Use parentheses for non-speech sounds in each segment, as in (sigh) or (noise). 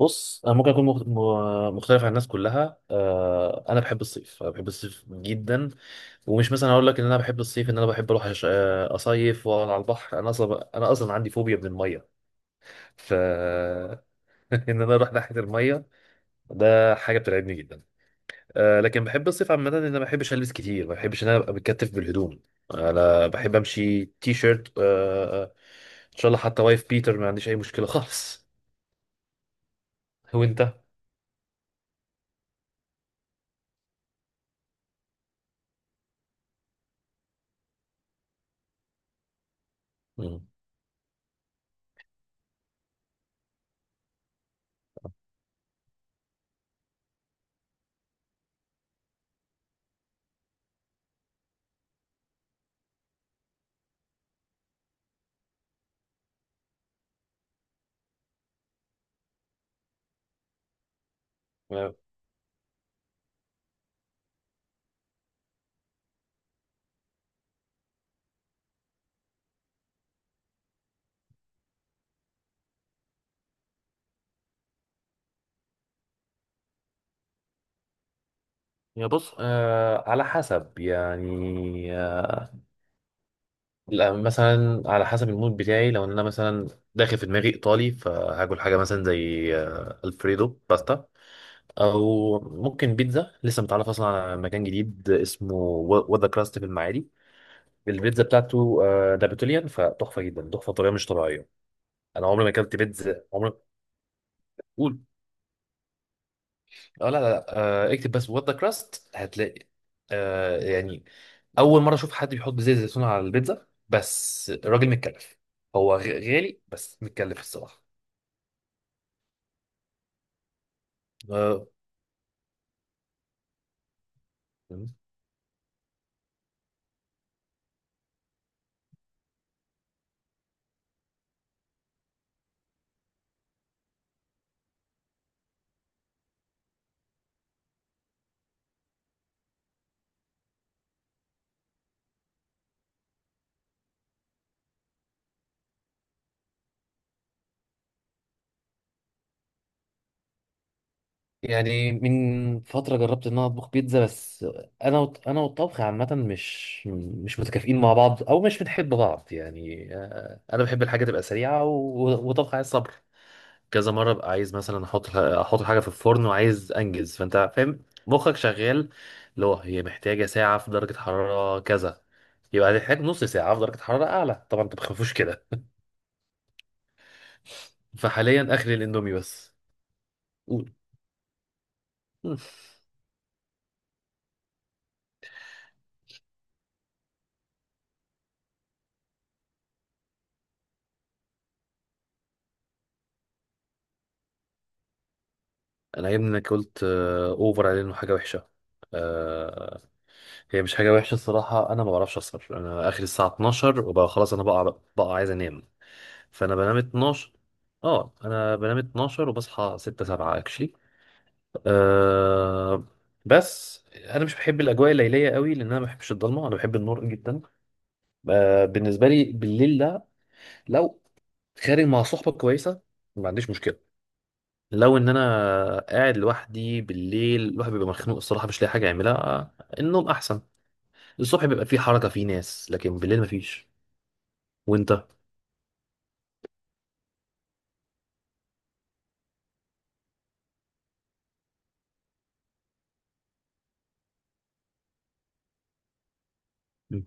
بص، انا ممكن اكون مختلف عن الناس كلها. انا بحب الصيف، انا بحب الصيف جدا. ومش مثلا اقول لك ان انا بحب الصيف ان انا بحب اروح اصيف واقعد على البحر. انا اصلا عندي فوبيا من الميه. ف (laughs) ان انا اروح ناحيه الميه ده حاجه بترعبني جدا. لكن بحب الصيف عامه، ان انا ما بحبش البس كتير، ما بحبش ان انا ابقى متكتف بالهدوم. انا بحب امشي تي شيرت. ان شاء الله حتى وايف بيتر ما عنديش اي مشكله خالص. (laughs) وانت؟ مم. يا بص، على حسب يعني. لا، مثلا على حسب المود بتاعي، لو ان انا مثلا داخل في دماغي ايطالي فهاكل حاجه مثلا زي الفريدو باستا، او ممكن بيتزا. لسه متعرف اصلا على مكان جديد اسمه وذا كراست في المعادي. البيتزا بتاعته نابوليان فتحفه جدا، تحفه بطريقه مش طبيعيه. انا عمري ما اكلت بيتزا، عمري. قول. اه، لا لا لا، اكتب بس وذا كراست هتلاقي. آه يعني اول مره اشوف حد بيحط زيت زيتون على البيتزا، بس الراجل متكلف. هو غالي بس متكلف الصراحه. آه، من فتره جربت ان انا اطبخ بيتزا، بس انا انا والطبخ عامه مش متكافئين مع بعض، او مش بنحب بعض يعني. انا بحب الحاجه تبقى سريعه وطبخ عايز صبر. كذا مره ببقى عايز مثلا احط حاجه في الفرن وعايز انجز، فانت فاهم. مخك شغال، اللي هو هي محتاجه ساعه في درجه حراره كذا، يبقى هتحتاج نص ساعه في درجه حراره اعلى طبعا. انت ما بتخافوش كده. فحاليا اخري الاندومي بس. قول. مم. انا عيبني انك قلت اوفر، عليه انه حاجه وحشه. آه، هي مش حاجة وحشة الصراحة. أنا ما بعرفش أسهر، أنا آخر الساعة 12 وبقى خلاص. أنا بقى عايز أنام. فأنا بنام 12. أه، أنا بنام 12 وبصحى 6 7 أكشلي. أه. بس أنا مش بحب الأجواء الليلية قوي لأن أنا ما بحبش الضلمة، أنا بحب النور جدا. أه، بالنسبة لي بالليل ده، لو خارج مع صحبة كويسة ما عنديش مشكلة. لو إن أنا قاعد لوحدي بالليل الواحد بيبقى مخنوق الصراحة، مش لاقي حاجة يعملها. النوم أحسن. الصبح بيبقى فيه حركة، فيه ناس، لكن بالليل مفيش. وانت؟ مم.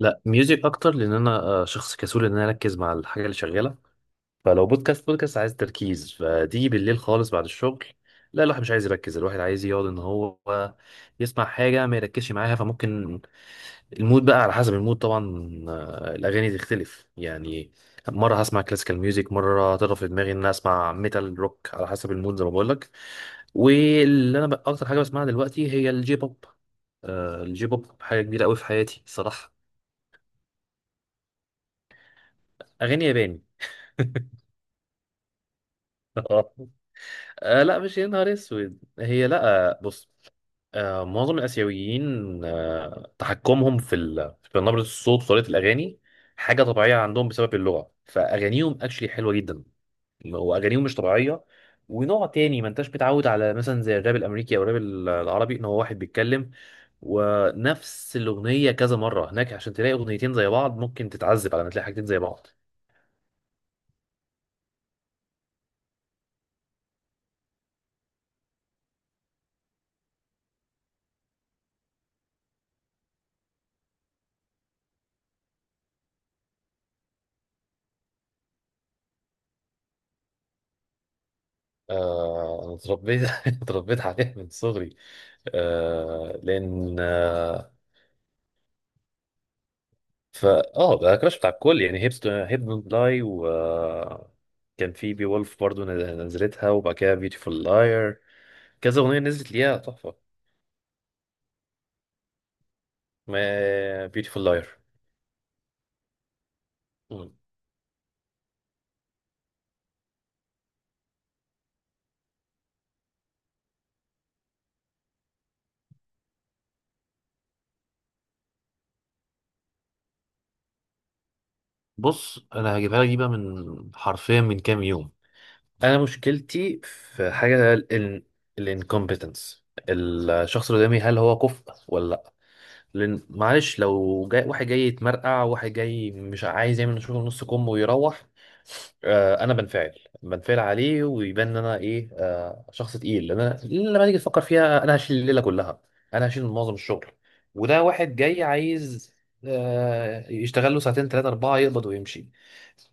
لا، ميوزك اكتر لان انا شخص كسول ان انا اركز مع الحاجة اللي شغالة. فلو بودكاست، بودكاست عايز تركيز فتيجي بالليل خالص بعد الشغل، لا الواحد مش عايز يركز، الواحد عايز يقعد ان هو يسمع حاجة ما يركزش معاها. فممكن المود بقى على حسب المود طبعا. الاغاني تختلف يعني. مرة هسمع كلاسيكال ميوزك، مرة هترى في دماغي ان انا اسمع ميتال روك، على حسب المود زي ما بقول لك. واللي انا بقى اكتر حاجه بسمعها دلوقتي هي الجي بوب. آه، الجي بوب حاجه كبيره قوي في حياتي الصراحه. اغاني ياباني. (laughs) آه. لا، مش يا نهار اسود هي، لا. بص، معظم الاسيويين تحكمهم في في نبره الصوت وطريقه الاغاني حاجه طبيعيه عندهم بسبب اللغه. فاغانيهم اكشلي حلوه جدا، واغانيهم مش طبيعيه. ونوع تاني ما انتش متعود على، مثلا زي الراب الامريكي او الراب العربي، ان هو واحد بيتكلم ونفس الاغنيه كذا مره. هناك عشان تلاقي اغنيتين زي بعض ممكن تتعذب على ما تلاقي حاجتين زي بعض. آه، انا اتربيت (laughs) اتربيت عليها من صغري. آه لان آه فا اه ده كراش بتاع الكل يعني، هيبس هيب دونت لاي، و كان في بي وولف برضه نزلتها، وبعد كده بيوتيفول لاير. كذا اغنيه نزلت ليها تحفه. ما بيوتيفول لاير. مم. بص، انا هجيبها لك دي بقى من حرفيا من كام يوم. انا مشكلتي في حاجه، الانكومبتنس، الشخص اللي قدامي هل هو كفء ولا لا. لان معلش، لو جاي واحد جاي يتمرقع، واحد جاي مش عايز يعمل شغل، نص كم ويروح، انا بنفعل عليه ويبان ان انا ايه، شخص تقيل. لان انا لما تيجي تفكر فيها انا هشيل الليله كلها، انا هشيل معظم الشغل، وده واحد جاي عايز يشتغل له ساعتين ثلاثة أربعة، يقبض ويمشي.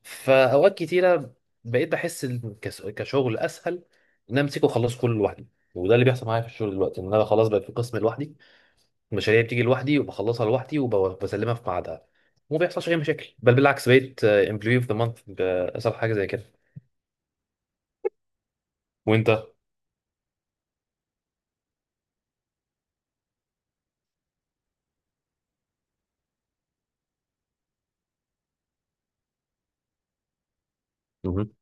فاوقات كتيره بقيت بحس إن كشغل اسهل ان انا امسكه واخلصه كله لوحدي. وده اللي بيحصل معايا في الشغل دلوقتي، ان انا خلاص بقى في قسم لوحدي، المشاريع بتيجي لوحدي وبخلصها لوحدي وبسلمها في ميعادها، وما بيحصلش اي مشاكل، بل بالعكس، بقيت امبلوي اوف ذا مانث بأسهل حاجه زي كده. وانت؟ مهم.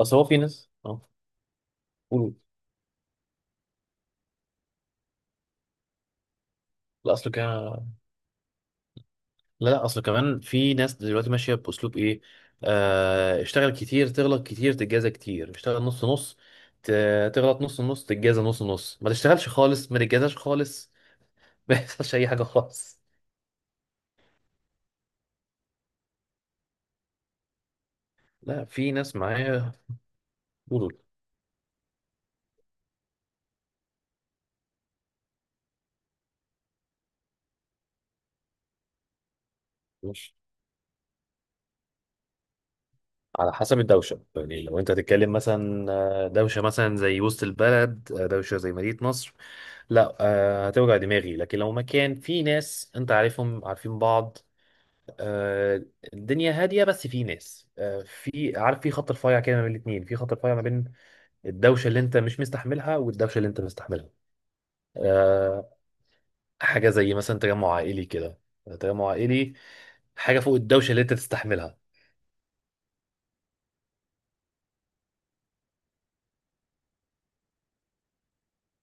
اصل هو في ناس، اه. قول قول. لا اصل كده، لا لا، اصل كمان في ناس دلوقتي ماشيه باسلوب ايه: اشتغل كتير تغلط كتير تتجازى كتير، اشتغل نص نص تغلط نص نص تتجازى نص نص، ما تشتغلش خالص ما تتجازاش خالص. (laughs) ما يحصلش اي حاجه خالص. لا في ناس معايا برول مش على حسب الدوشه يعني. لو انت هتتكلم مثلا دوشه مثلا زي وسط البلد، دوشه زي مدينه نصر، لا هتوجع دماغي. لكن لو مكان في ناس انت عارفهم، عارفين بعض، آه، الدنيا هاديه بس في ناس، في، عارف، في خط رفيع كده ما بين الاثنين، في خط رفيع ما بين الدوشه اللي انت مش مستحملها والدوشه اللي انت مستحملها. آه، حاجه زي مثلا تجمع عائلي كده، تجمع عائلي، حاجه فوق الدوشه اللي انت تستحملها.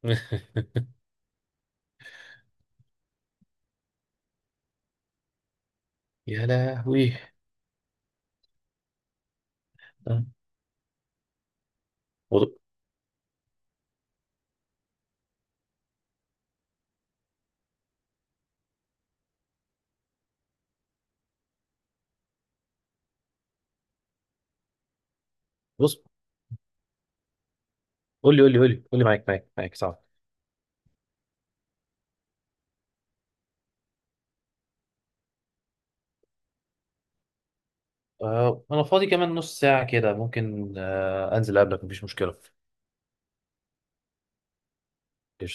(laughs) يا لهوي. آه. وط- بص، قول لي قول لي قول لي قول لي، معاك معاك معاك، صعب. انا فاضي كمان نص ساعه كده، ممكن انزل قبلك مفيش مشكله.